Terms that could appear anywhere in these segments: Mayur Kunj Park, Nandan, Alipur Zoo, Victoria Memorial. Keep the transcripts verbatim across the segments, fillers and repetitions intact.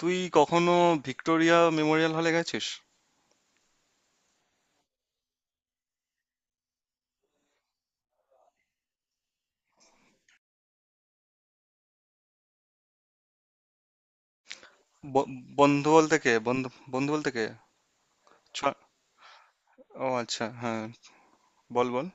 তুই কখনো Victoria Memorial হলে গেছিস? ব- বন্ধু বলতে কে? বন্ধু বন্ধু বলতে কে? ছ- ও আচ্ছা, হ্যাঁ, বল বল।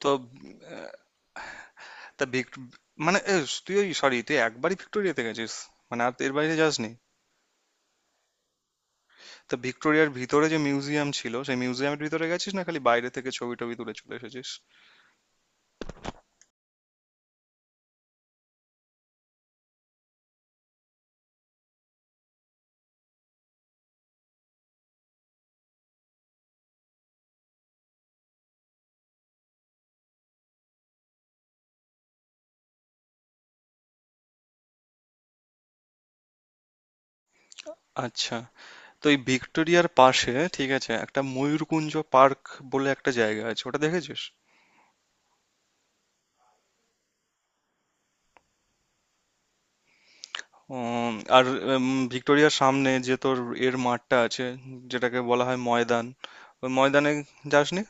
তো তা ভিক্ট মানে এ, তুই ওই সরি তুই একবারই ভিক্টোরিয়াতে গেছিস? মানে আর এর বাইরে যাসনি? তা ভিক্টোরিয়ার ভিতরে যে মিউজিয়াম ছিল সেই মিউজিয়ামের ভিতরে গেছিস, না খালি বাইরে থেকে ছবি টবি তুলে চলে এসেছিস? আচ্ছা, তো এই ভিক্টোরিয়ার পাশে ঠিক আছে একটা ময়ূরকুঞ্জ পার্ক বলে একটা জায়গা আছে, ওটা দেখেছিস? উম, আর উম, ভিক্টোরিয়ার সামনে যে তোর এর মাঠটা আছে, যেটাকে বলা হয় ময়দান, ওই ময়দানে যাসনি?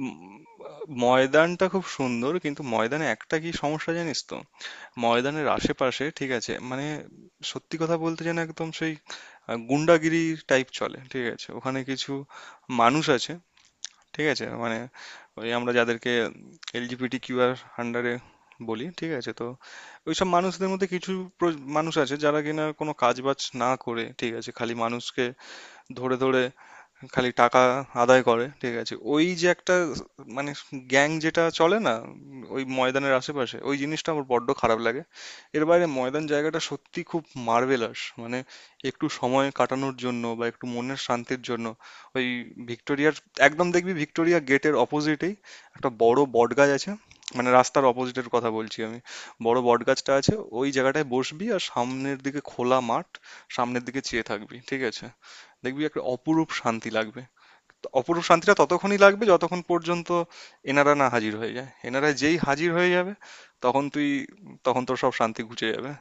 উম, ময়দানটা খুব সুন্দর, কিন্তু ময়দানে একটা কি সমস্যা জানিস তো, ময়দানের আশেপাশে ঠিক আছে মানে সত্যি কথা বলতে যেন একদম সেই আহ, গুন্ডাগিরি টাইপ চলে। ঠিক আছে, ওখানে কিছু মানুষ আছে, ঠিক আছে? মানে ওই আমরা যাদেরকে এলজিবিটি কিউআর আন্ডারে বলি, ঠিক আছে, তো ওইসব মানুষদের মধ্যে কিছু প্র- মানুষ আছে যারা কিনা কোনো কাজ বাজ না করে, ঠিক আছে, খালি মানুষকে ধরে ধরে খালি টাকা আদায় করে। ঠিক আছে, ওই যে একটা মানে গ্যাং যেটা চলে না, ওই ময়দানের আশেপাশে, ওই জিনিসটা আমার বড্ড খারাপ লাগে। এর বাইরে ময়দান জায়গাটা সত্যি খুব মার্ভেলাস, মানে একটু সময় কাটানোর জন্য বা একটু মনের শান্তির জন্য ওই ভিক্টোরিয়ার একদম দেখবি ভিক্টোরিয়া গেটের অপোজিটেই একটা বড় বটগাছ আছে, মানে রাস্তার অপোজিটের কথা বলছি আমি, বড় বটগাছটা আছে, ওই জায়গাটায় বসবি আর সামনের দিকে খোলা মাঠ, সামনের দিকে চেয়ে থাকবি, ঠিক আছে, দেখবি একটা অপরূপ শান্তি লাগবে। অপরূপ শান্তিটা ততক্ষণই লাগবে যতক্ষণ পর্যন্ত এনারা না হাজির হয়ে যায়। এনারা যেই হাজির হয়ে যাবে তখন তুই তখন তোর সব শান্তি ঘুচে যাবে।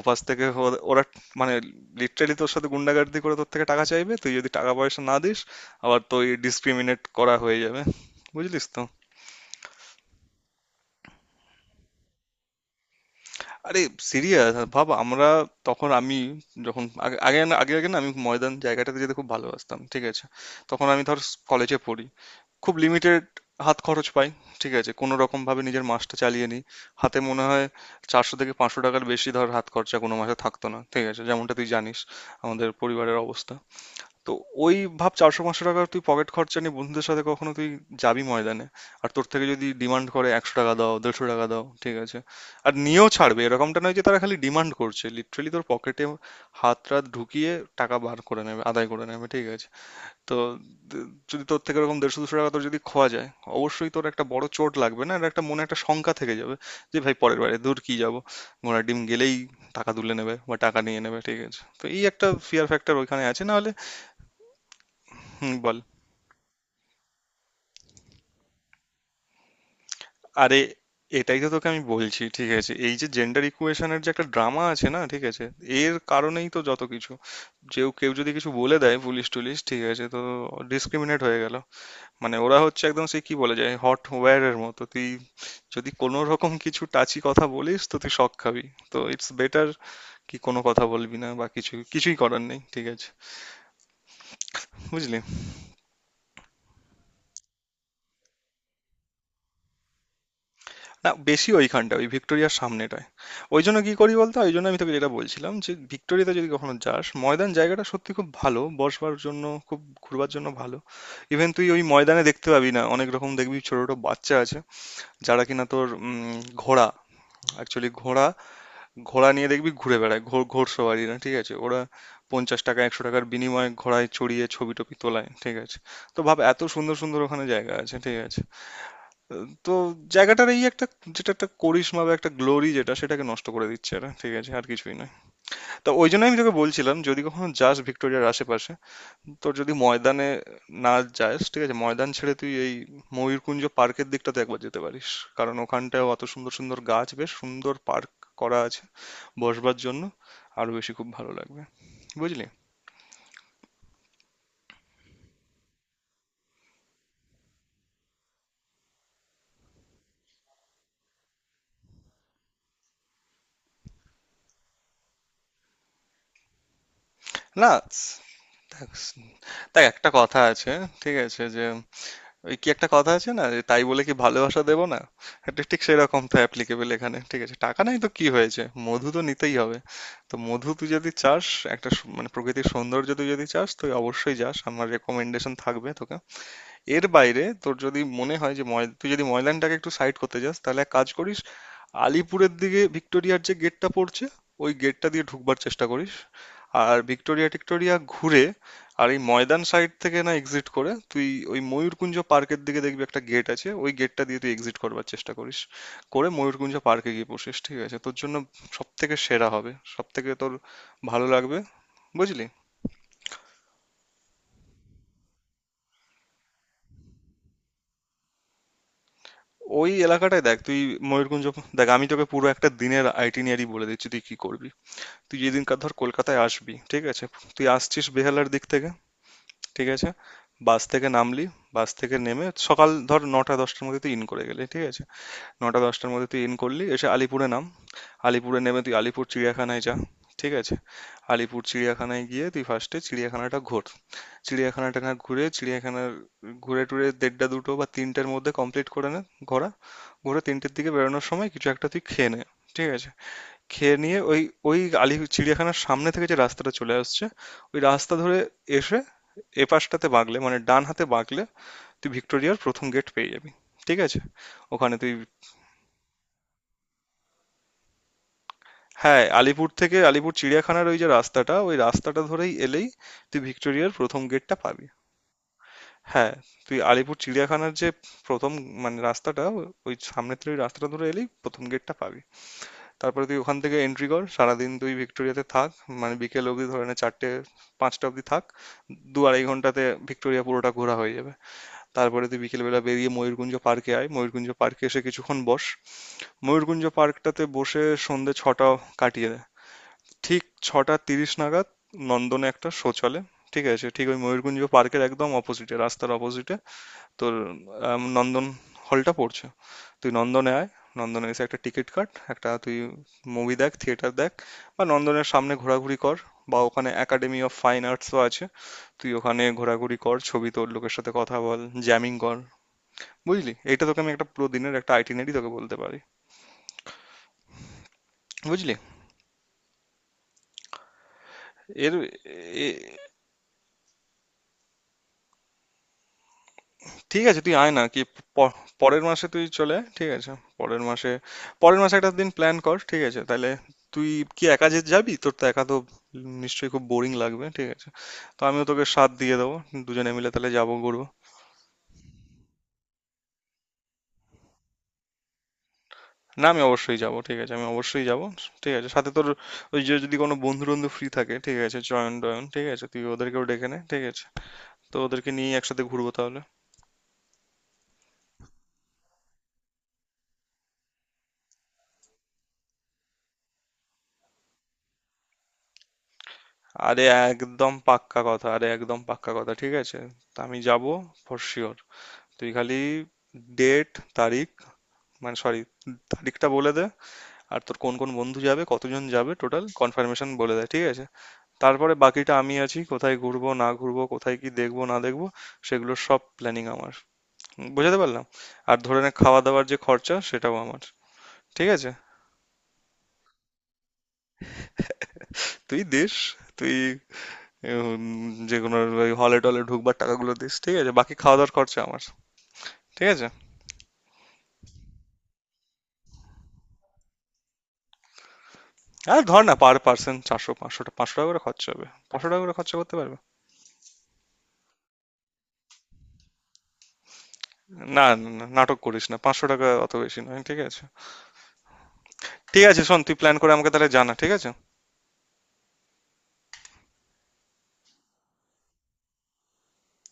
ওপাশ থেকে ও- ওরা মানে লিটারালি তোর সাথে গুন্ডাগার্দি করে তোর থেকে টাকা চাইবে। তুই যদি টাকা পয়সা না দিস, আবার তুই ডিসক্রিমিনেট করা হয়ে যাবে, বুঝলিস তো? আরে সিরিয়াস ভাব। আমরা তখন আমি যখন আগে আগে না- আগে আগে না আমি ময়দান জায়গাটাতে যেতে খুব ভালোবাসতাম, ঠিক আছে, তখন আমি ধর কলেজে পড়ি, খুব লিমিটেড হাত খরচ পাই, ঠিক আছে, কোনো রকম ভাবে নিজের মাসটা চালিয়ে নিই। হাতে মনে হয় চারশো থেকে পাঁচশো টাকার বেশি ধর হাত খরচা কোনো মাসে থাকতো না। ঠিক আছে, যেমনটা তুই জানিস আমাদের পরিবারের অবস্থা, তো ওই ভাব চারশো পাঁচশো টাকার তুই পকেট খরচা নিয়ে বন্ধুদের সাথে কখনো তুই যাবি ময়দানে, আর তোর থেকে যদি ডিমান্ড করে একশো টাকা দাও দেড়শো টাকা দাও, ঠিক আছে, আর নিয়েও ছাড়বে। এরকমটা নয় যে তারা খালি ডিমান্ড করছে, লিটারালি তোর পকেটে হাত টাত ঢুকিয়ে টাকা বার করে নেবে, আদায় করে নেবে, ঠিক আছে। তো দ- যদি তোর থেকে এরকম দেড়শো দুশো টাকা তোর যদি খোয়া যায়, অবশ্যই তোর একটা বড় চোট লাগবে না, এটা একটা মনে একটা শঙ্কা থেকে যাবে যে ভাই পরের বারে দূর কি যাবো, ঘোড়ার ডিম গেলেই টাকা তুলে নেবে বা টাকা নিয়ে নেবে। ঠিক আছে, তো এই একটা ফিয়ার ফ্যাক্টর ওইখানে আছে, না হলে হুম বল। আরে এটাই তো তোকে আমি বলছি, ঠিক আছে, এই যে জেন্ডার ইকুয়েশনের যে একটা ড্রামা আছে না, ঠিক আছে, এর কারণেই তো যত কিছু, যেও কেউ যদি কিছু বলে দেয় পুলিশ টুলিশ, ঠিক আছে, তো ডিসক্রিমিনেট হয়ে গেল। মানে ওরা হচ্ছে একদম সে কি বলে যায় হট ওয়্যারের মতো, তুই যদি কোনো রকম কিছু টাচি কথা বলিস তো তুই শক খাবি। তো ইটস বেটার কি কোনো কথা বলবি না বা কিছু কিছুই করার নেই, ঠিক আছে, বুঝলি? না বেশি ওইখানটা ওই ভিক্টোরিয়ার সামনেটায়। ওই জন্য কি করি বলতো, ওই জন্য আমি তোকে যেটা বলছিলাম যে ভিক্টোরিয়াতে যদি কখনো যাস ময়দান জায়গাটা সত্যি খুব ভালো বসবার জন্য, খুব ঘুরবার জন্য ভালো। ইভেন তুই ওই ময়দানে দেখতে পাবি না অনেক রকম, দেখবি ছোট ছোট বাচ্চা আছে যারা কিনা তোর উম, ঘোড়া অ্যাকচুয়ালি ঘোড়া ঘোড়া নিয়ে দেখবি ঘুরে বেড়ায়, ঘোড় ঘোড়সওয়ারিরা, ঠিক আছে, ওরা পঞ্চাশ টাকা একশো টাকার বিনিময়ে ঘোড়ায় চড়িয়ে ছবি টবি তোলায়, ঠিক আছে। তো ভাব এত সুন্দর সুন্দর ওখানে জায়গা আছে, ঠিক আছে, তো জায়গাটার এই একটা যেটা একটা করিশ্মা বা একটা গ্লোরি যেটা সেটাকে নষ্ট করে দিচ্ছে এরা, ঠিক আছে, আর কিছুই নয়। তো ওই জন্য আমি তোকে বলছিলাম যদি কখনো যাস ভিক্টোরিয়ার আশেপাশে, তোর যদি ময়দানে না যাস, ঠিক আছে, ময়দান ছেড়ে তুই এই ময়ূরকুঞ্জ পার্কের দিকটাতে একবার যেতে পারিস, কারণ ওখানটায় অত সুন্দর সুন্দর গাছ, বেশ সুন্দর পার্ক করা আছে বসবার জন্য, আরো বেশি খুব ভালো লাগবে, বুঝলি? না দেখ, দেখ, একটা কথা আছে ঠিক আছে যে ওই কি একটা কথা আছে না যে তাই বলে কি ভালোবাসা দেবো না, এটা ঠিক সেরকম তো অ্যাপ্লিকেবল এখানে। ঠিক আছে, টাকা নাই তো কি হয়েছে, মধু তো নিতেই হবে। তো মধু তুই যদি চাস একটা সু- মানে প্রকৃতির সৌন্দর্য তুই যদি চাস, তুই অবশ্যই যাস, আমার রেকমেন্ডেশন থাকবে তোকে। এর বাইরে তোর যদি মনে হয় যে ময়- তুই যদি ময়দানটাকে একটু সাইড করতে চাস, তাহলে এক কাজ করিস, আলিপুরের দিকে ভিক্টোরিয়ার যে গেটটা পড়ছে ওই গেটটা দিয়ে ঢুকবার চেষ্টা করিস, আর ভিক্টোরিয়া টিক্টোরিয়া ঘুরে আর এই ময়দান সাইড থেকে না এক্সিট করে তুই ওই ময়ূরকুঞ্জ পার্কের দিকে দেখবি একটা গেট আছে, ওই গেটটা দিয়ে তুই এক্সিট করবার চেষ্টা করিস, করে ময়ূরকুঞ্জ পার্কে গিয়ে বসিস, ঠিক আছে, তোর জন্য সব থেকে সেরা হবে, সব থেকে তোর ভালো লাগবে, বুঝলি? ওই এলাকাটায় দেখ তুই ময়ূরকুঞ্জ দেখ আমি তোকে পুরো একটা দিনের আইটিনারি বলে দিচ্ছি তুই কি করবি। তুই যেদিনকার ধর কলকাতায় আসবি, ঠিক আছে, তুই আসছিস বেহালার দিক থেকে, ঠিক আছে? বাস থেকে নামলি, বাস থেকে নেমে সকাল ধর নটা দশটার মধ্যে তুই ইন করে গেলি, ঠিক আছে? নটা দশটার মধ্যে তুই ইন করলি, এসে আলিপুরে নাম। আলিপুরে নেমে তুই আলিপুর চিড়িয়াখানায় যা, ঠিক আছে? আলিপুর চিড়িয়াখানায় গিয়ে তুই ফার্স্টে চিড়িয়াখানাটা ঘোর। চিড়িয়াখানাটা না ঘুরে চিড়িয়াখানার ঘুরে টুরে দেড়টা দুটো বা তিনটের মধ্যে কমপ্লিট করে নে ঘোরা। ঘুরে তিনটের দিকে বেরোনোর সময় কিছু একটা তুই খেয়ে নে, ঠিক আছে? খেয়ে নিয়ে ওই ওই আলি চিড়িয়াখানার সামনে থেকে যে রাস্তাটা চলে আসছে ওই রাস্তা ধরে এসে এপাশটাতে বাঁকলে মানে ডান হাতে বাঁকলে তুই ভিক্টোরিয়ার প্রথম গেট পেয়ে যাবি, ঠিক আছে, ওখানে তুই। হ্যাঁ, আলিপুর থেকে আলিপুর চিড়িয়াখানার ওই যে রাস্তাটা ওই রাস্তাটা ধরেই এলেই তুই ভিক্টোরিয়ার প্রথম গেটটা পাবি। হ্যাঁ, তুই আলিপুর চিড়িয়াখানার যে প্রথম মানে রাস্তাটা ওই সামনে থেকে ওই রাস্তাটা ধরে এলেই প্রথম গেটটা পাবি। তারপরে তুই ওখান থেকে এন্ট্রি কর, সারাদিন তুই ভিক্টোরিয়াতে থাক, মানে বিকেল অবধি ধরে নে চারটে পাঁচটা অবধি থাক। দু আড়াই ঘন্টাতে ভিক্টোরিয়া পুরোটা ঘোরা হয়ে যাবে। তারপরে তুই বিকেলবেলা বেরিয়ে ময়ূরগুঞ্জ পার্কে আয়, ময়ূরগুঞ্জ পার্কে এসে কিছুক্ষণ বস, ময়ূরগুঞ্জ পার্কটাতে বসে সন্ধে ছটা কাটিয়ে দে। ঠিক ছটা তিরিশ নাগাদ নন্দনে একটা শো চলে, ঠিক আছে, ঠিক ওই ময়ূরগুঞ্জ পার্কের একদম অপোজিটে রাস্তার অপোজিটে তোর আম, নন্দন হলটা পড়ছে। তুই নন্দনে আয়, নন্দনে এসে একটা টিকিট কাট, একটা তুই মুভি দেখ, থিয়েটার দেখ, বা নন্দনের সামনে ঘোরাঘুরি কর, বা ওখানে একাডেমি অফ ফাইন আর্টসও আছে, তুই ওখানে ঘোরাঘুরি কর, ছবি তোর লোকের সাথে কথা বল, জ্যামিং কর। বুঝলি, এটা তোকে আমি একটা পুরো দিনের একটা আইটিনারি তোকে বলতে পারি, বুঝলি? এর এ- ঠিক আছে তুই আয় না কি। প- পরের মাসে তুই চলে আয়, ঠিক আছে, পরের মাসে, পরের মাসে একটা দিন প্ল্যান কর, ঠিক আছে তাহলে। তুই কি একা যে যাবি, তোর তো একা তো নিশ্চয়ই খুব বোরিং লাগবে, ঠিক আছে, তো আমিও তোকে সাথ দিয়ে দেবো, দুজনে মিলে তাহলে যাবো ঘুরবো। না, আমি অবশ্যই যাবো, ঠিক আছে, আমি অবশ্যই যাবো, ঠিক আছে, সাথে তোর ওই যে যদি কোনো বন্ধু বন্ধু ফ্রি থাকে, ঠিক আছে, জয়ন টয়ন, ঠিক আছে, তুই ওদেরকেও ডেকে নে, ঠিক আছে, তো ওদেরকে নিয়ে একসাথে ঘুরবো তাহলে। আরে একদম পাক্কা কথা, আরে একদম পাক্কা কথা, ঠিক আছে, তা আমি যাবো ফর শিওর। তুই খালি ডেট তারিখ মানে সরি তারিখটা বলে দে, আর তোর কোন কোন বন্ধু যাবে কতজন যাবে টোটাল কনফার্মেশন বলে দে, ঠিক আছে, তারপরে বাকিটা আমি আছি, কোথায় ঘুরবো না ঘুরবো কোথায় কি দেখবো না দেখবো সেগুলোর সব প্ল্যানিং আমার, উম, বোঝাতে পারলাম? আর ধরে নে খাওয়া দাওয়ার যে খরচা সেটাও আমার, ঠিক আছে। তুই দিস, তুই উম, যে কোনো হলে টলে ঢুকবার টাকাগুলো দিস, ঠিক আছে, বাকি খাওয়া দাওয়ার খরচা আমার, ঠিক আছে। আর ধর না পার পার্সন চারশো পাঁচশো পাঁচশো টাকা করে খরচা হবে, পাঁচশো টাকা করে খরচা করতে পারবি? না, না, না, নাটক করিস না। পাঁচশো টাকা অত বেশি নয়। ঠিক আছে? ঠিক আছে শোন তুই প্ল্যান করে আমাকে তাহলে জানা। ঠিক আছে?